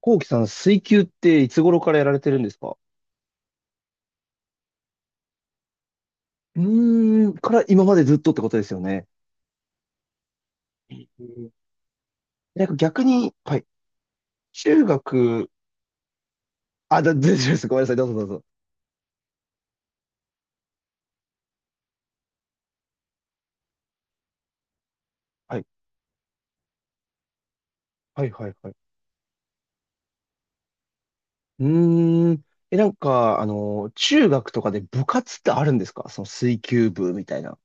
こうきさん、水球っていつ頃からやられてるんですか？から今までずっとってことですよね。うん。なんか逆に、はい、中学、あ、大丈夫です。ごめんなさい。どうぞどうぞ。はい、はい、はい、はい。うーん。え、なんか、中学とかで部活ってあるんですか？その水球部みたいな。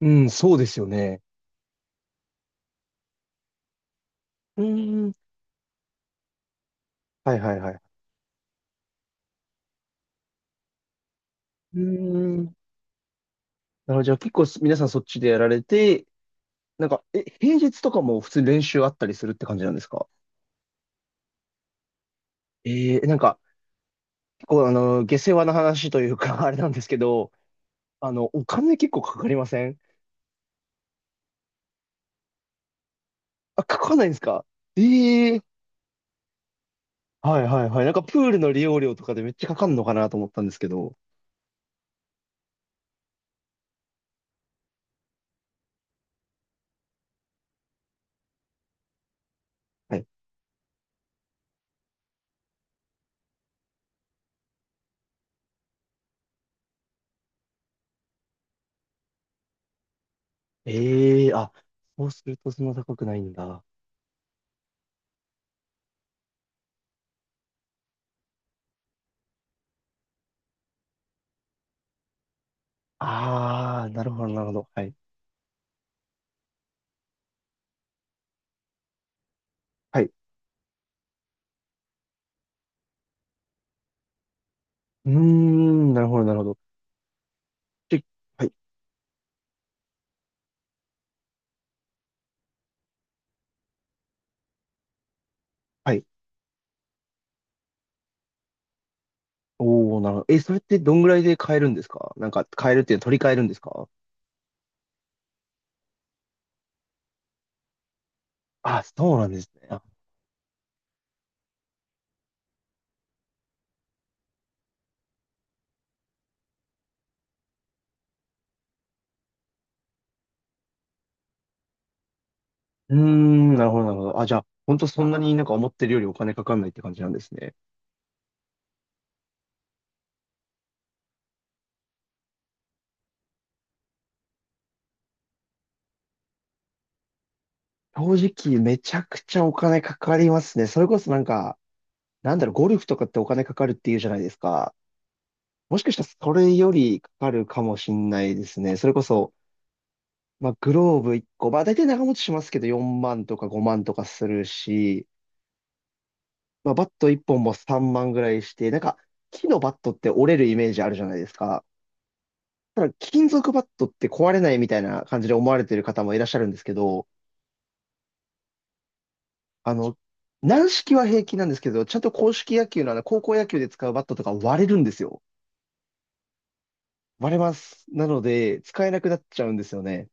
うん、そうですよね。うーん。はい、はい、はい。うーん。なるほど。じゃあ結構皆さんそっちでやられて、なんか、平日とかも普通に練習あったりするって感じなんですか？なんか、構、あの、下世話な話というか、あれなんですけど、お金結構かかりません？あ、かかんないんですか？ええー。はいはいはい。なんかプールの利用料とかでめっちゃかかんのかなと思ったんですけど。はい。ええー、あ、そうするとそんな高くないんだ。ああ、なるほどなるほど。はい。はい。うーん、なるほどなるほど。で、はい。はい。おー、なるほど。え、それってどんぐらいで買えるんですか？なんか買えるっていうのは取り替えるんですか？あ、そうなんですね。うーん、なるほど、なるほど。あ、じゃあ、本当そんなになんか思ってるよりお金かかんないって感じなんですね。正直、めちゃくちゃお金かかりますね。それこそなんか、なんだろう、ゴルフとかってお金かかるっていうじゃないですか。もしかしたらそれよりかかるかもしんないですね。それこそ、まあ、グローブ1個、まあ、大体長持ちしますけど、4万とか5万とかするし、まあ、バット1本も3万ぐらいして、なんか、木のバットって折れるイメージあるじゃないですか。ただ、金属バットって壊れないみたいな感じで思われてる方もいらっしゃるんですけど、あの、軟式は平気なんですけど、ちゃんと硬式野球の高校野球で使うバットとか割れるんですよ。割れます。なので、使えなくなっちゃうんですよね。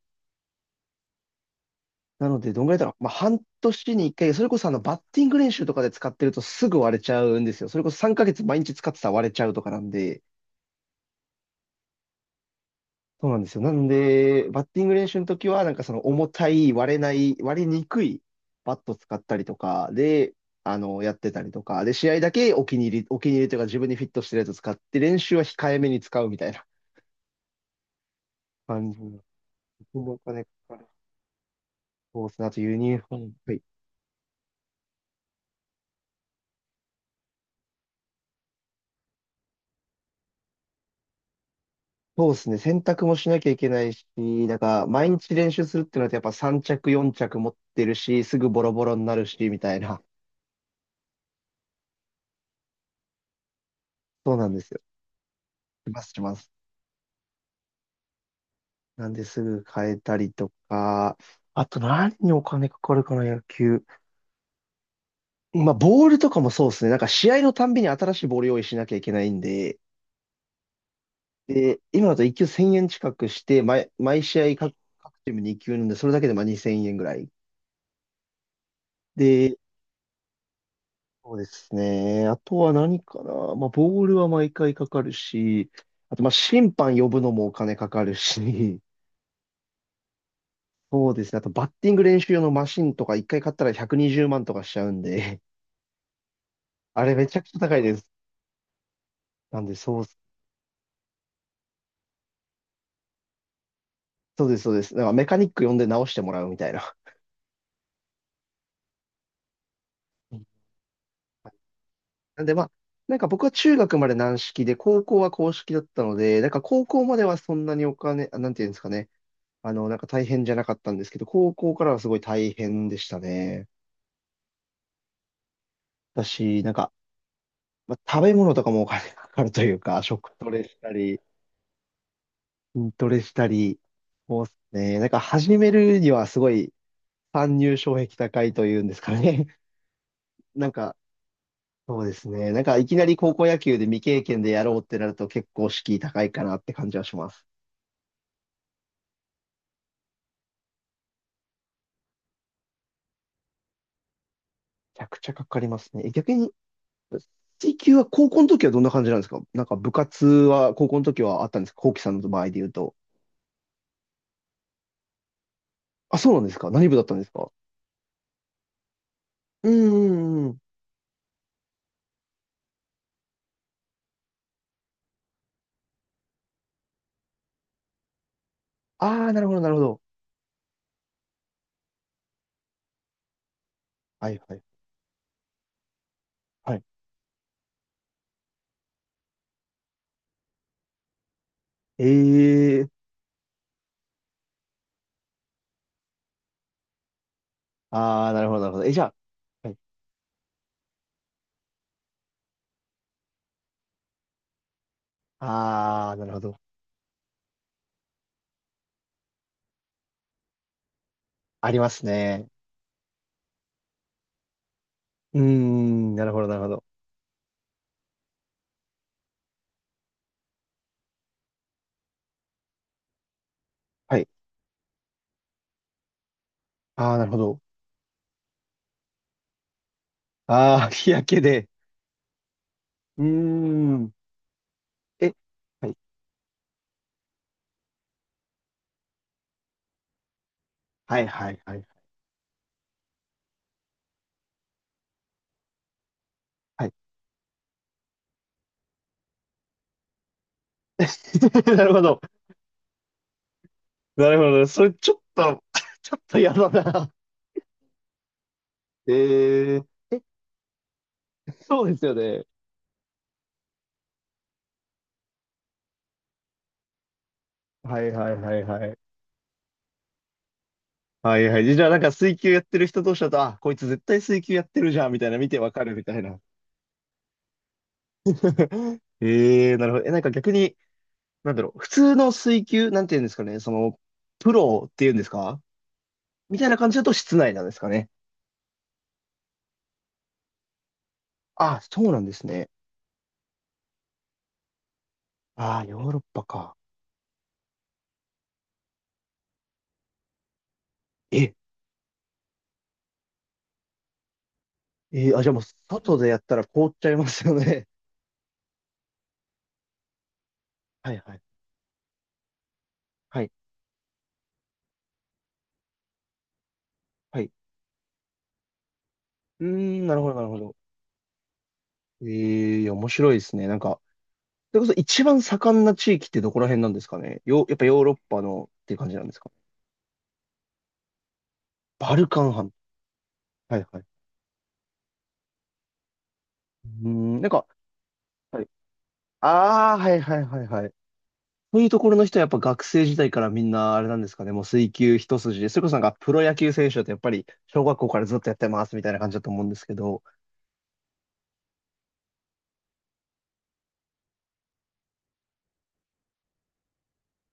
なので、どんぐらいだろう。まあ、半年に一回、それこそバッティング練習とかで使ってるとすぐ割れちゃうんですよ。それこそ3ヶ月毎日使ってたら割れちゃうとかなんで、そうなんですよ。なんで、バッティング練習の時は、なんかその重たい、割れない、割れにくいバット使ったりとかで、やってたりとか、で、試合だけお気に入り、お気に入りというか自分にフィットしてるやつ使って、練習は控えめに使うみたいな感じの。お金かかる。そうですね。あとユニフォーム。はい。そうですね。洗濯もしなきゃいけないし、だから毎日練習するってなるとやっぱ3着、4着持ってるし、すぐボロボロになるし、みたいな。そうなんですよ。します、します。なんですぐ変えたりとか、あと何にお金かかるかな、野球。まあ、ボールとかもそうですね。なんか試合のたんびに新しいボール用意しなきゃいけないんで、で、今だと1球1000円近くして、毎試合各チーム2球なんで、それだけでまあ2000円ぐらい。で、そうですね。あとは何かな。まあ、ボールは毎回かかるし、あとまあ、審判呼ぶのもお金かかるし、そうですね。あとバッティング練習用のマシンとか1回買ったら120万とかしちゃうんで、あれめちゃくちゃ高いです。なんで、そうです、そうです。なんかメカニック呼んで直してもらうみたいな。うん。なんでまあ、なんか僕は中学まで軟式で、高校は硬式だったので、なんか高校まではそんなにお金、なんていうんですかね。なんか大変じゃなかったんですけど、高校からはすごい大変でしたね。だし、なんか、まあ、食べ物とかもお金 かかるというか、食トレしたり、筋トレしたり、そうっすね。なんか始めるにはすごい参入障壁高いというんですかね。なんか、そうですね。なんかいきなり高校野球で未経験でやろうってなると結構敷居高いかなって感じはします。めちゃくちゃかかりますね。逆に、水球は高校の時はどんな感じなんですか？なんか部活は高校の時はあったんですか？コウキさんの場合で言うと。あ、そうなんですか？何部だったんですか？うんうんうん。ああ、なるほど、なるほど。はいはい。はい。ええー。ああ、なるほど、なるほど。え、じゃあ、はい。ああ、なるほど。ありますね。うーん、なるほど、なるほど。はい。ああ、なるほど。ああ、日焼けで。うーん。え、はい。はいはいはい。はい。なるほど。なるほど。それちょっと ちょっと嫌だな。ええ、そうですよね。はいはいはいはい。はいはい。じゃあなんか水球やってる人同士だと、あ、こいつ絶対水球やってるじゃん、みたいな見てわかるみたいな。なるほど。え、なんか逆に、なんだろう。普通の水球、なんていうんですかね。その、プロっていうんですか？みたいな感じだと室内なんですかね。あ、そうなんですね。ああ、ヨーロッパか。ええー、あ、じゃあもう、外でやったら凍っちゃいますよね。はいはい。はい。はい。うーん、なるほど、なるほど。ええー、面白いですね。なんか、それこそ一番盛んな地域ってどこら辺なんですかね。やっぱヨーロッパのっていう感じなんですか？バルカン半。はいはい。うーん、なんか、はい。ああ、はいはいはいはい。そういうところの人はやっぱ学生時代からみんなあれなんですかね。もう水球一筋で。それこそなんかプロ野球選手だとやっぱり小学校からずっとやってますみたいな感じだと思うんですけど。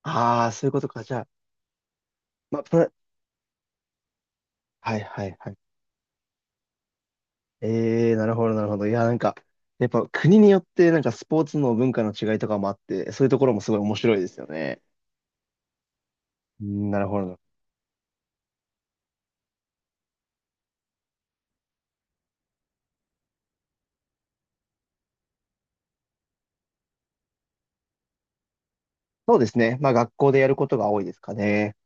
ああ、そういうことか。じゃあ、まあ、プロ、はいはいはい。ええ、なるほど、なるほど。いや、なんか、やっぱ国によって、なんかスポーツの文化の違いとかもあって、そういうところもすごい面白いですよね。うん、なるほど。そうですね。まあ、学校でやることが多いですかね。